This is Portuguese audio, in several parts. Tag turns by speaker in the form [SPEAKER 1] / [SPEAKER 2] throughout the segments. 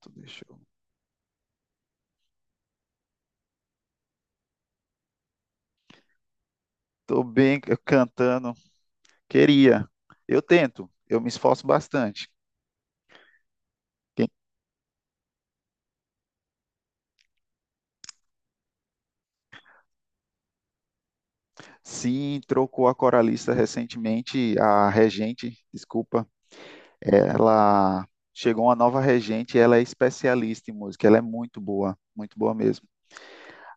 [SPEAKER 1] Tô, tô bem eu cantando. Queria. Eu tento. Eu me esforço bastante. Quem- Sim, trocou a coralista recentemente, a regente, desculpa. Ela Chegou uma nova regente, ela é especialista em música, ela é muito boa mesmo.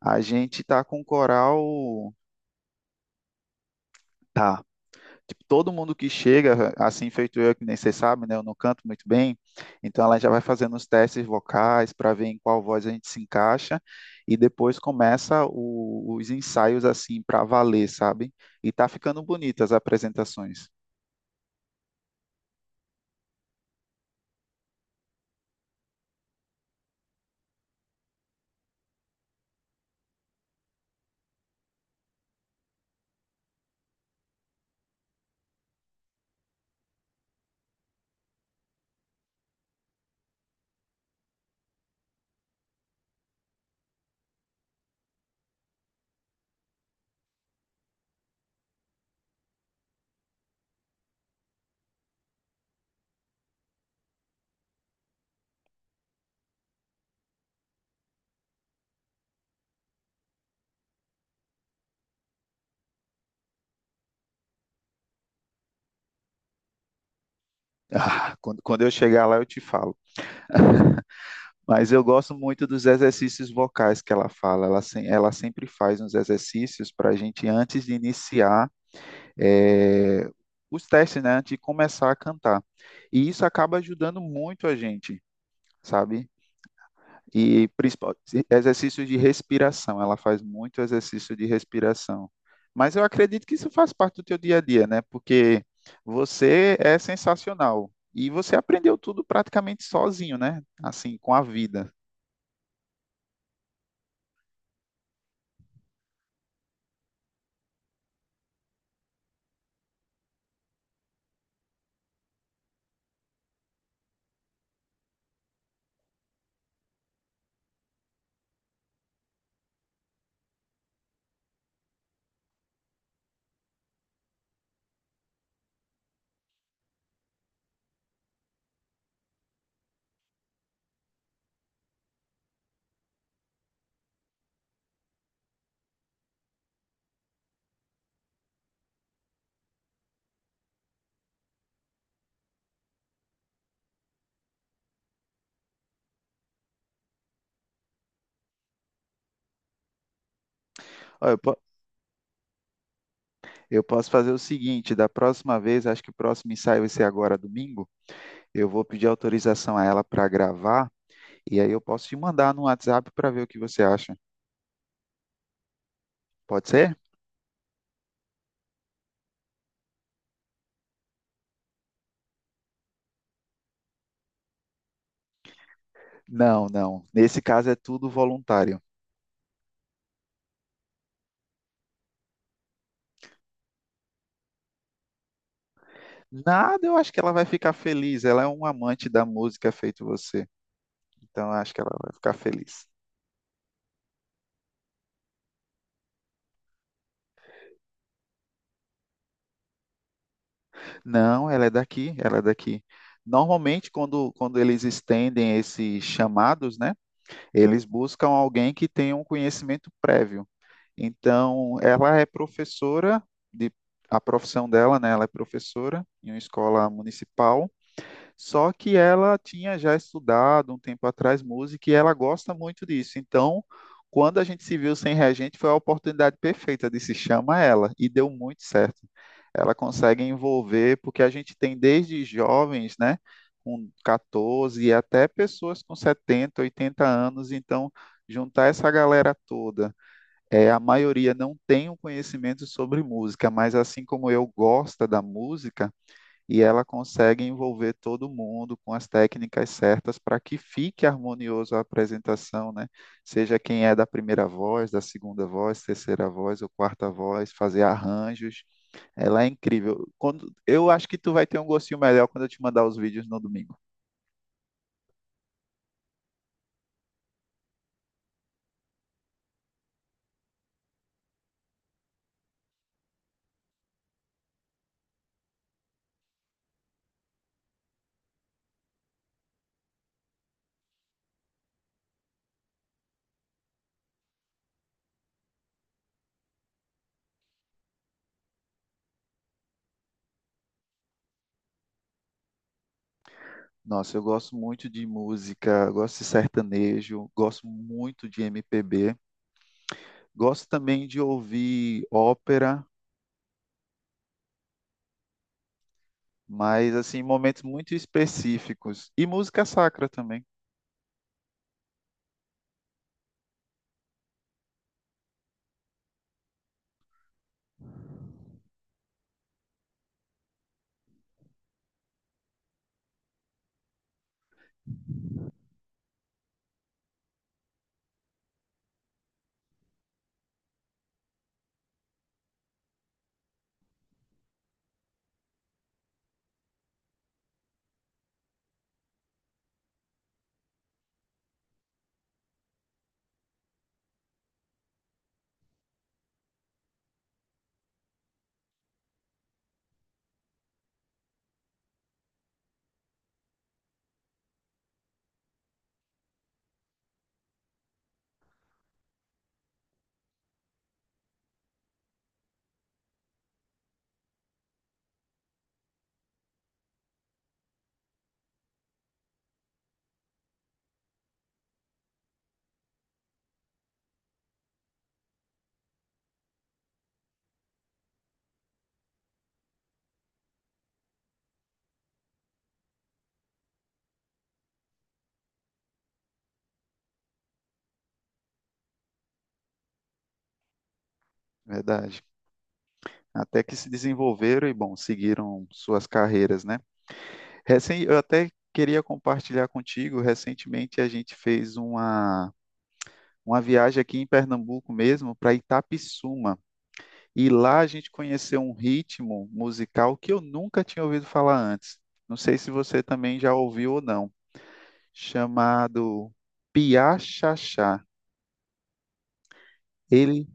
[SPEAKER 1] A gente tá com um coral, tá. Tipo, todo mundo que chega, assim feito eu, que nem vocês sabem, né? Eu não canto muito bem, então ela já vai fazendo os testes vocais para ver em qual voz a gente se encaixa e depois começa os ensaios assim para valer, sabe? E tá ficando bonitas as apresentações. Ah, quando eu chegar lá eu te falo. Mas eu gosto muito dos exercícios vocais que ela fala. Ela, se- Ela sempre faz uns exercícios para a gente, antes de iniciar, é, os testes, né, antes de começar a cantar. E isso acaba ajudando muito a gente, sabe? E principal, exercício de respiração, ela faz muito exercício de respiração. Mas eu acredito que isso faz parte do teu dia a dia, né? Porque você é sensacional e você aprendeu tudo praticamente sozinho, né? Assim, com a vida. Ó, eu posso fazer o seguinte, da próxima vez, acho que o próximo ensaio vai ser agora domingo, eu vou pedir autorização a ela para gravar. E aí eu posso te mandar no WhatsApp para ver o que você acha. Pode ser? Não, não. Nesse caso é tudo voluntário. Nada, eu acho que ela vai ficar feliz. Ela é um amante da música feito você. Então eu acho que ela vai ficar feliz. Não, ela é daqui, ela é daqui. Normalmente, quando eles estendem esses chamados, né, eles buscam alguém que tenha um conhecimento prévio. Então, ela é professora de a profissão dela, né? Ela é professora em uma escola municipal. Só que ela tinha já estudado um tempo atrás música e ela gosta muito disso. Então, quando a gente se viu sem reagente, foi a oportunidade perfeita de se chama ela e deu muito certo. Ela consegue envolver, porque a gente tem desde jovens, né, com 14 até pessoas com 70, 80 anos, então juntar essa galera toda. É, a maioria não tem um conhecimento sobre música, mas assim como eu gosta da música, e ela consegue envolver todo mundo com as técnicas certas para que fique harmonioso a apresentação, né? Seja quem é da primeira voz, da segunda voz, terceira voz ou quarta voz, fazer arranjos. Ela é incrível. Quando eu acho que tu vai ter um gostinho melhor quando eu te mandar os vídeos no domingo. Nossa, eu gosto muito de música, gosto de sertanejo, gosto muito de MPB, gosto também de ouvir ópera, mas assim, em momentos muito específicos e música sacra também. Verdade. Até que se desenvolveram e, bom, seguiram suas carreiras, né? Eu até queria compartilhar contigo, recentemente a gente fez uma viagem aqui em Pernambuco mesmo, para Itapissuma. E lá a gente conheceu um ritmo musical que eu nunca tinha ouvido falar antes. Não sei se você também já ouviu ou não, chamado piachachá. Ele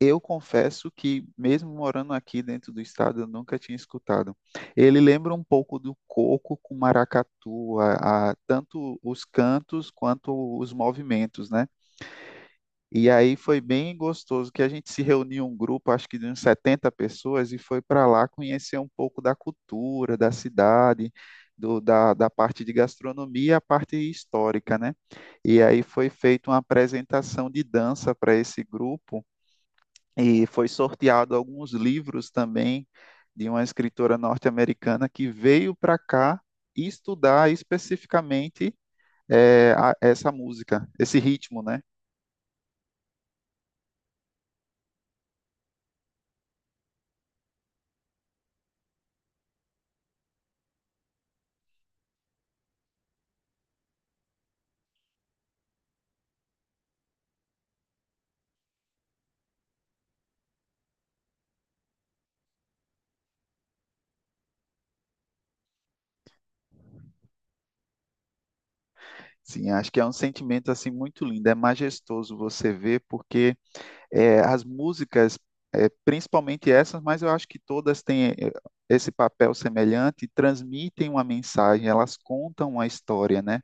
[SPEAKER 1] Eu confesso que, mesmo morando aqui dentro do estado, eu nunca tinha escutado. Ele lembra um pouco do coco com maracatu, tanto os cantos quanto os movimentos, né? E aí foi bem gostoso que a gente se reuniu um grupo, acho que de uns 70 pessoas, e foi para lá conhecer um pouco da cultura, da cidade, da parte de gastronomia, e a parte histórica, né? E aí foi feita uma apresentação de dança para esse grupo, e foi sorteado alguns livros também de uma escritora norte-americana que veio para cá estudar especificamente essa música, esse ritmo, né? Sim, acho que é um sentimento assim muito lindo, é majestoso você ver, porque é, as músicas, é, principalmente essas, mas eu acho que todas têm é, esse papel semelhante, transmitem uma mensagem, elas contam uma história, né?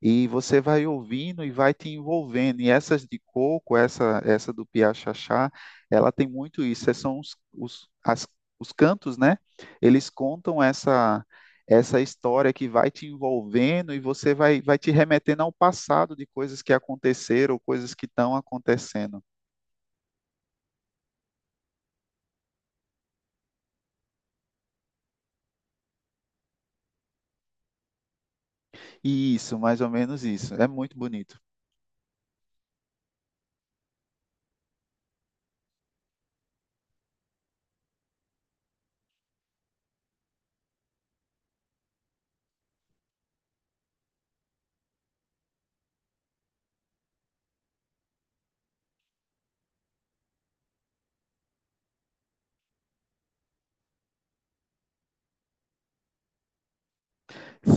[SPEAKER 1] E você vai ouvindo e vai te envolvendo. E essas de coco, essa do Piá Xaxá, ela tem muito isso. É, são os cantos, né? Eles contam essa história que vai te envolvendo e você vai, vai te remetendo ao passado de coisas que aconteceram, coisas que estão acontecendo. E isso, mais ou menos isso. É muito bonito.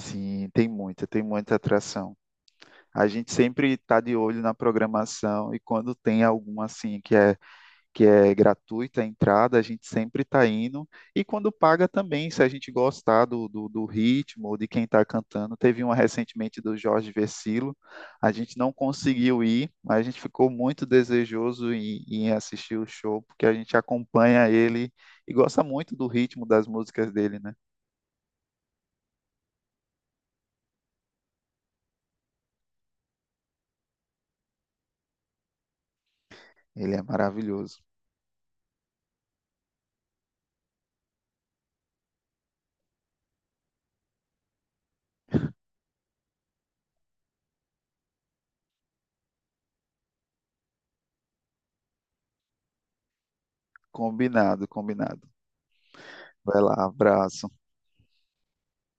[SPEAKER 1] Sim, tem muita atração. A gente sempre está de olho na programação e quando tem alguma assim que é gratuita a entrada, a gente sempre está indo. E quando paga também, se a gente gostar do, do, do ritmo, ou de quem está cantando. Teve uma recentemente do Jorge Versilo, a gente não conseguiu ir, mas a gente ficou muito desejoso em, em assistir o show, porque a gente acompanha ele e gosta muito do ritmo das músicas dele, né? Ele é maravilhoso. Combinado, combinado. Vai lá, abraço.